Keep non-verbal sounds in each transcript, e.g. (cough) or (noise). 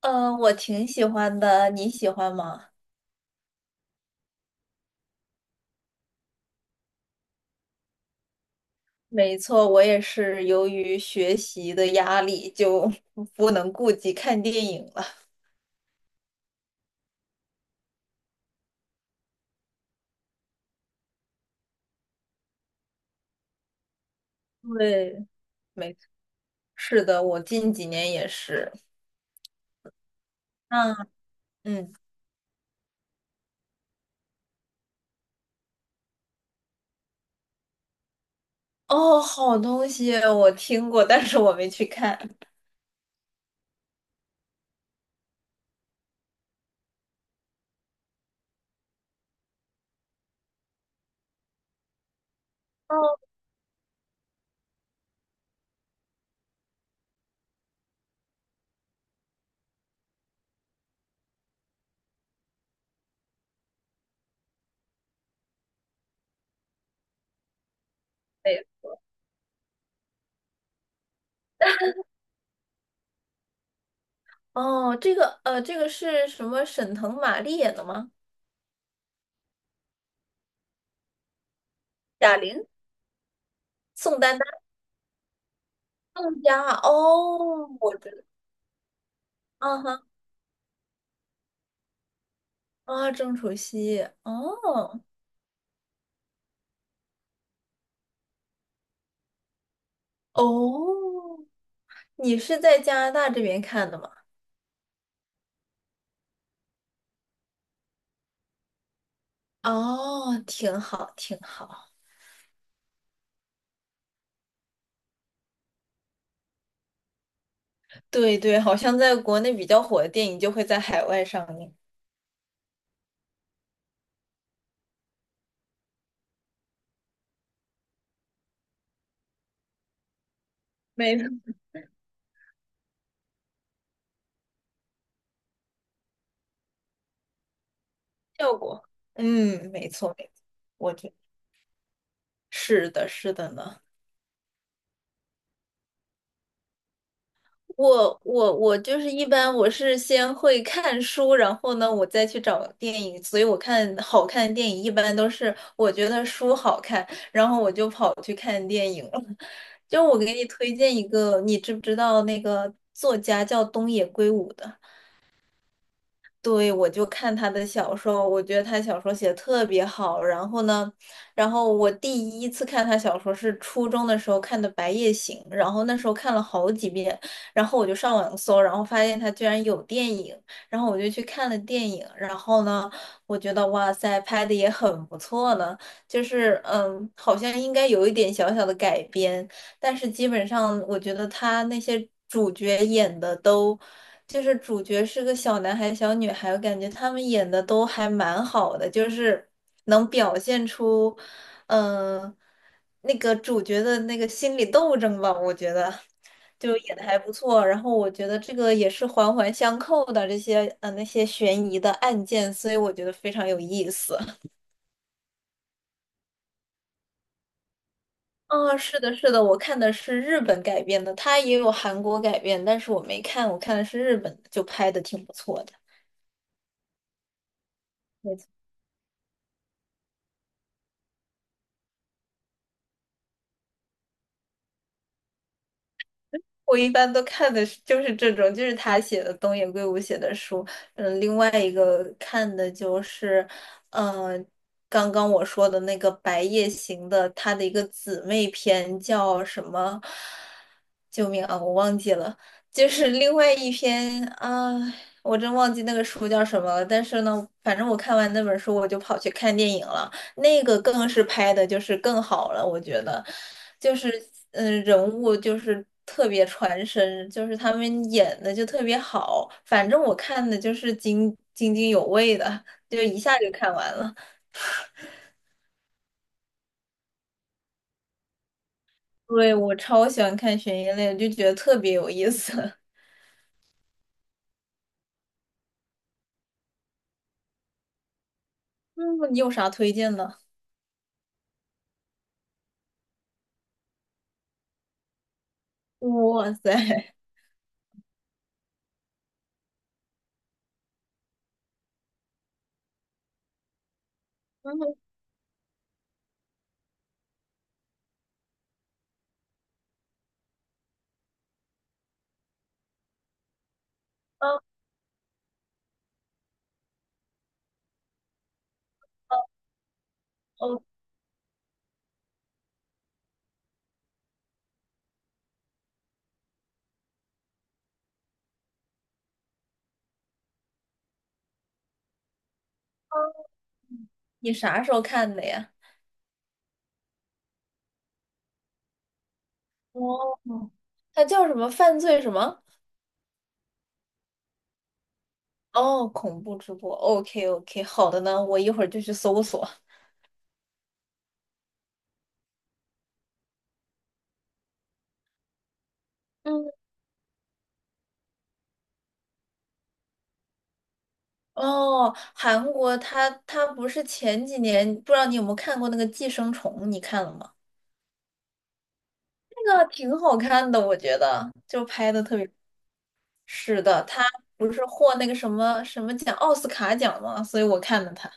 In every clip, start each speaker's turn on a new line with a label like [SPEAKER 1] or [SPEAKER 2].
[SPEAKER 1] 嗯，我挺喜欢的，你喜欢吗？没错，我也是由于学习的压力，就 (laughs) 不能顾及看电影了。对，没错，是的，我近几年也是。嗯嗯，哦，好东西啊，我听过，但是我没去看。哦，对，哦，这个是什么？沈腾、马丽演的吗？贾玲、宋丹丹、宋佳。哦，我知道。啊哈啊，郑楚曦。哦。哦，你是在加拿大这边看的吗？哦，挺好，挺好。对对，好像在国内比较火的电影就会在海外上映，没错，效果。嗯，没错没错，我觉是的，是的呢。我就是一般我是先会看书，然后呢，我再去找电影。所以我看好看的电影一般都是我觉得书好看，然后我就跑去看电影了。(laughs) 就我给你推荐一个，你知不知道那个作家叫东野圭吾的？对，我就看他的小说，我觉得他小说写得特别好。然后呢，然后我第一次看他小说是初中的时候看的《白夜行》，然后那时候看了好几遍，然后我就上网搜，然后发现他居然有电影，然后我就去看了电影。然后呢，我觉得哇塞，拍的也很不错呢，好像应该有一点小小的改编，但是基本上我觉得他那些主角演的都。就是主角是个小男孩、小女孩，我感觉他们演的都还蛮好的，就是能表现出，嗯、那个主角的那个心理斗争吧，我觉得就演的还不错。然后我觉得这个也是环环相扣的这些那些悬疑的案件，所以我觉得非常有意思。(laughs) 啊，是的，是的，我看的是日本改编的，它也有韩国改编，但是我没看，我看的是日本的，就拍的挺不错的。没错。我一般都看的是就是这种，就是他写的东野圭吾写的书。嗯，另外一个看的就是，嗯，刚刚我说的那个《白夜行》的，他的一个姊妹篇叫什么？救命啊，我忘记了。就是另外一篇啊，我真忘记那个书叫什么了。但是呢，反正我看完那本书，我就跑去看电影了。那个更是拍的就是更好了，我觉得。就是人物就是特别传神，就是他们演的就特别好，反正我看的就是津津有味的，就一下就看完了。对，我超喜欢看悬疑类就觉得特别有意思。(laughs) 嗯，你有啥推荐的？(laughs) 哇塞，(laughs) 嗯啊哦，你啥时候看的呀？哦，它叫什么？犯罪什么？哦，恐怖直播。OK OK，好的呢，我一会儿就去搜索。嗯。哦，韩国它不是前几年，不知道你有没有看过那个《寄生虫》，你看了吗？那个挺好看的，我觉得就拍的特别。是的，他不是获那个什么什么奖，奥斯卡奖吗？所以我看了他。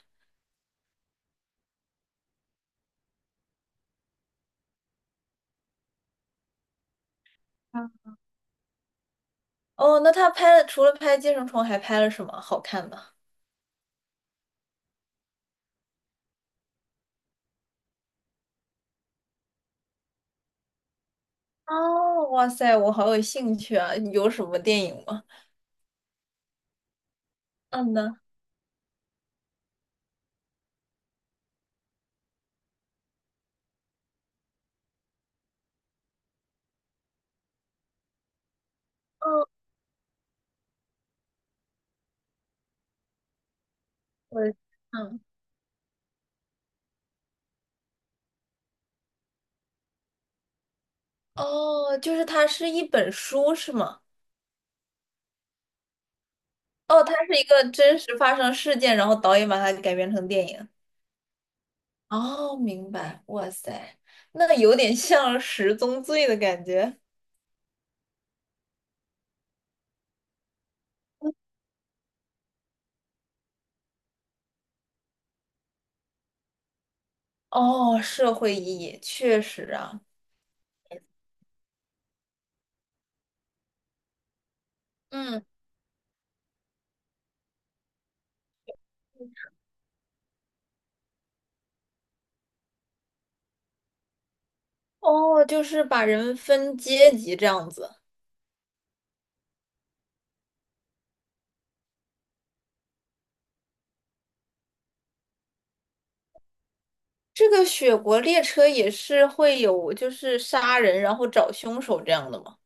[SPEAKER 1] 嗯哦，那他拍了除了拍《寄生虫》，还拍了什么好看的？哦，哇塞，我好有兴趣啊！有什么电影吗？嗯呢，哦，我嗯，哦，就是它是一本书是吗？哦，它是一个真实发生事件，然后导演把它改编成电影。哦，明白。哇塞，那 (laughs) 有点像《十宗罪》的感觉。哦，社会意义确实啊。嗯，哦，就是把人分阶级这样子。这个《雪国列车》也是会有，就是杀人然后找凶手这样的吗？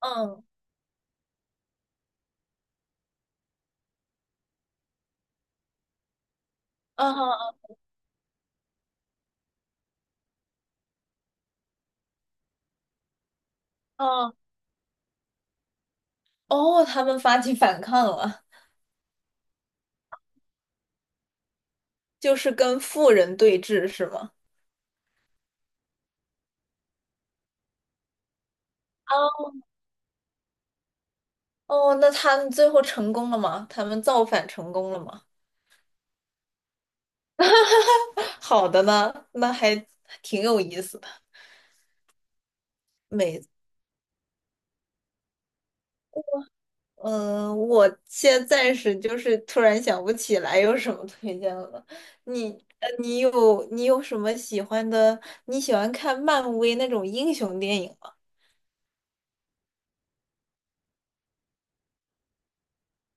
[SPEAKER 1] 嗯，啊啊，哦，他们发起反抗了，就是跟富人对峙是吗？哦，那他们最后成功了吗？他们造反成功了吗？(laughs) 好的呢，那还挺有意思的。没，嗯、我现在暂时就是突然想不起来有什么推荐了。你，你有什么喜欢的？你喜欢看漫威那种英雄电影吗？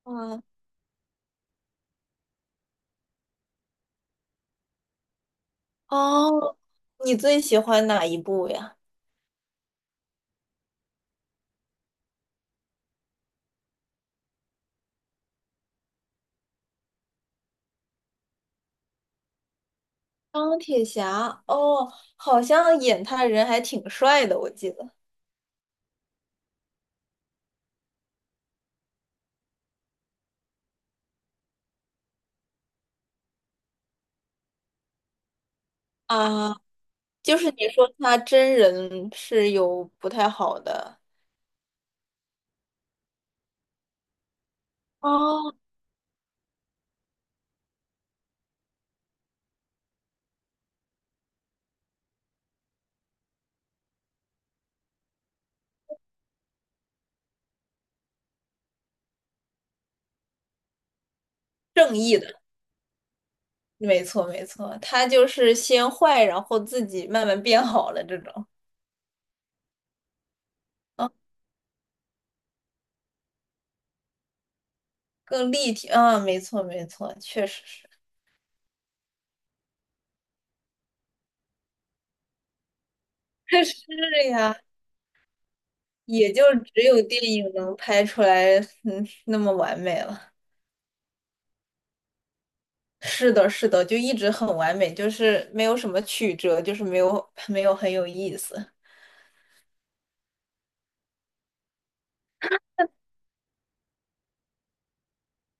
[SPEAKER 1] 嗯，哦，你最喜欢哪一部呀？钢铁侠，哦，好像演他的人还挺帅的，我记得。啊。就是你说他真人是有不太好的哦，正义的，没错没错，他就是先坏，然后自己慢慢变好了这种，啊，更立体，啊，没错没错，确实是，(laughs) 是呀，也就只有电影能拍出来，那么完美了。是的，是的，就一直很完美，就是没有什么曲折，就是没有很有意思。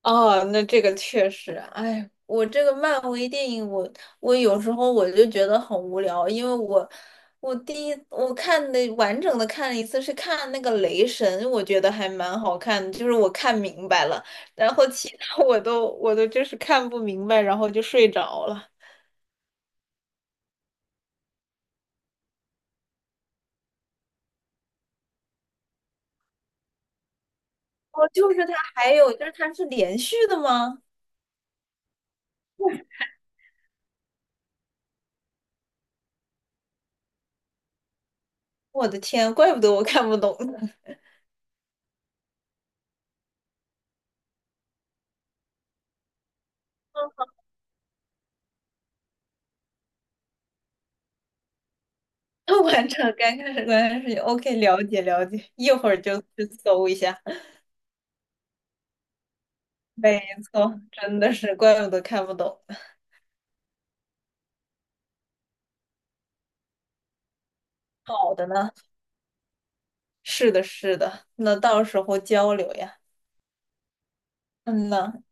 [SPEAKER 1] 哦，那这个确实，哎，我这个漫威电影我，我有时候我就觉得很无聊，因为我我第一我看的完整的看了一次是看那个雷神，我觉得还蛮好看的，就是我看明白了，然后其他我都就是看不明白，然后就睡着了。哦，就是它还有就是它是连续的吗？我的天，怪不得我看不懂呢。(laughs) 完整，刚开始，OK，了解了解，一会儿就去搜一下。没错，真的是，怪不得看不懂。好的呢，是的，是的，那到时候交流呀。嗯呐。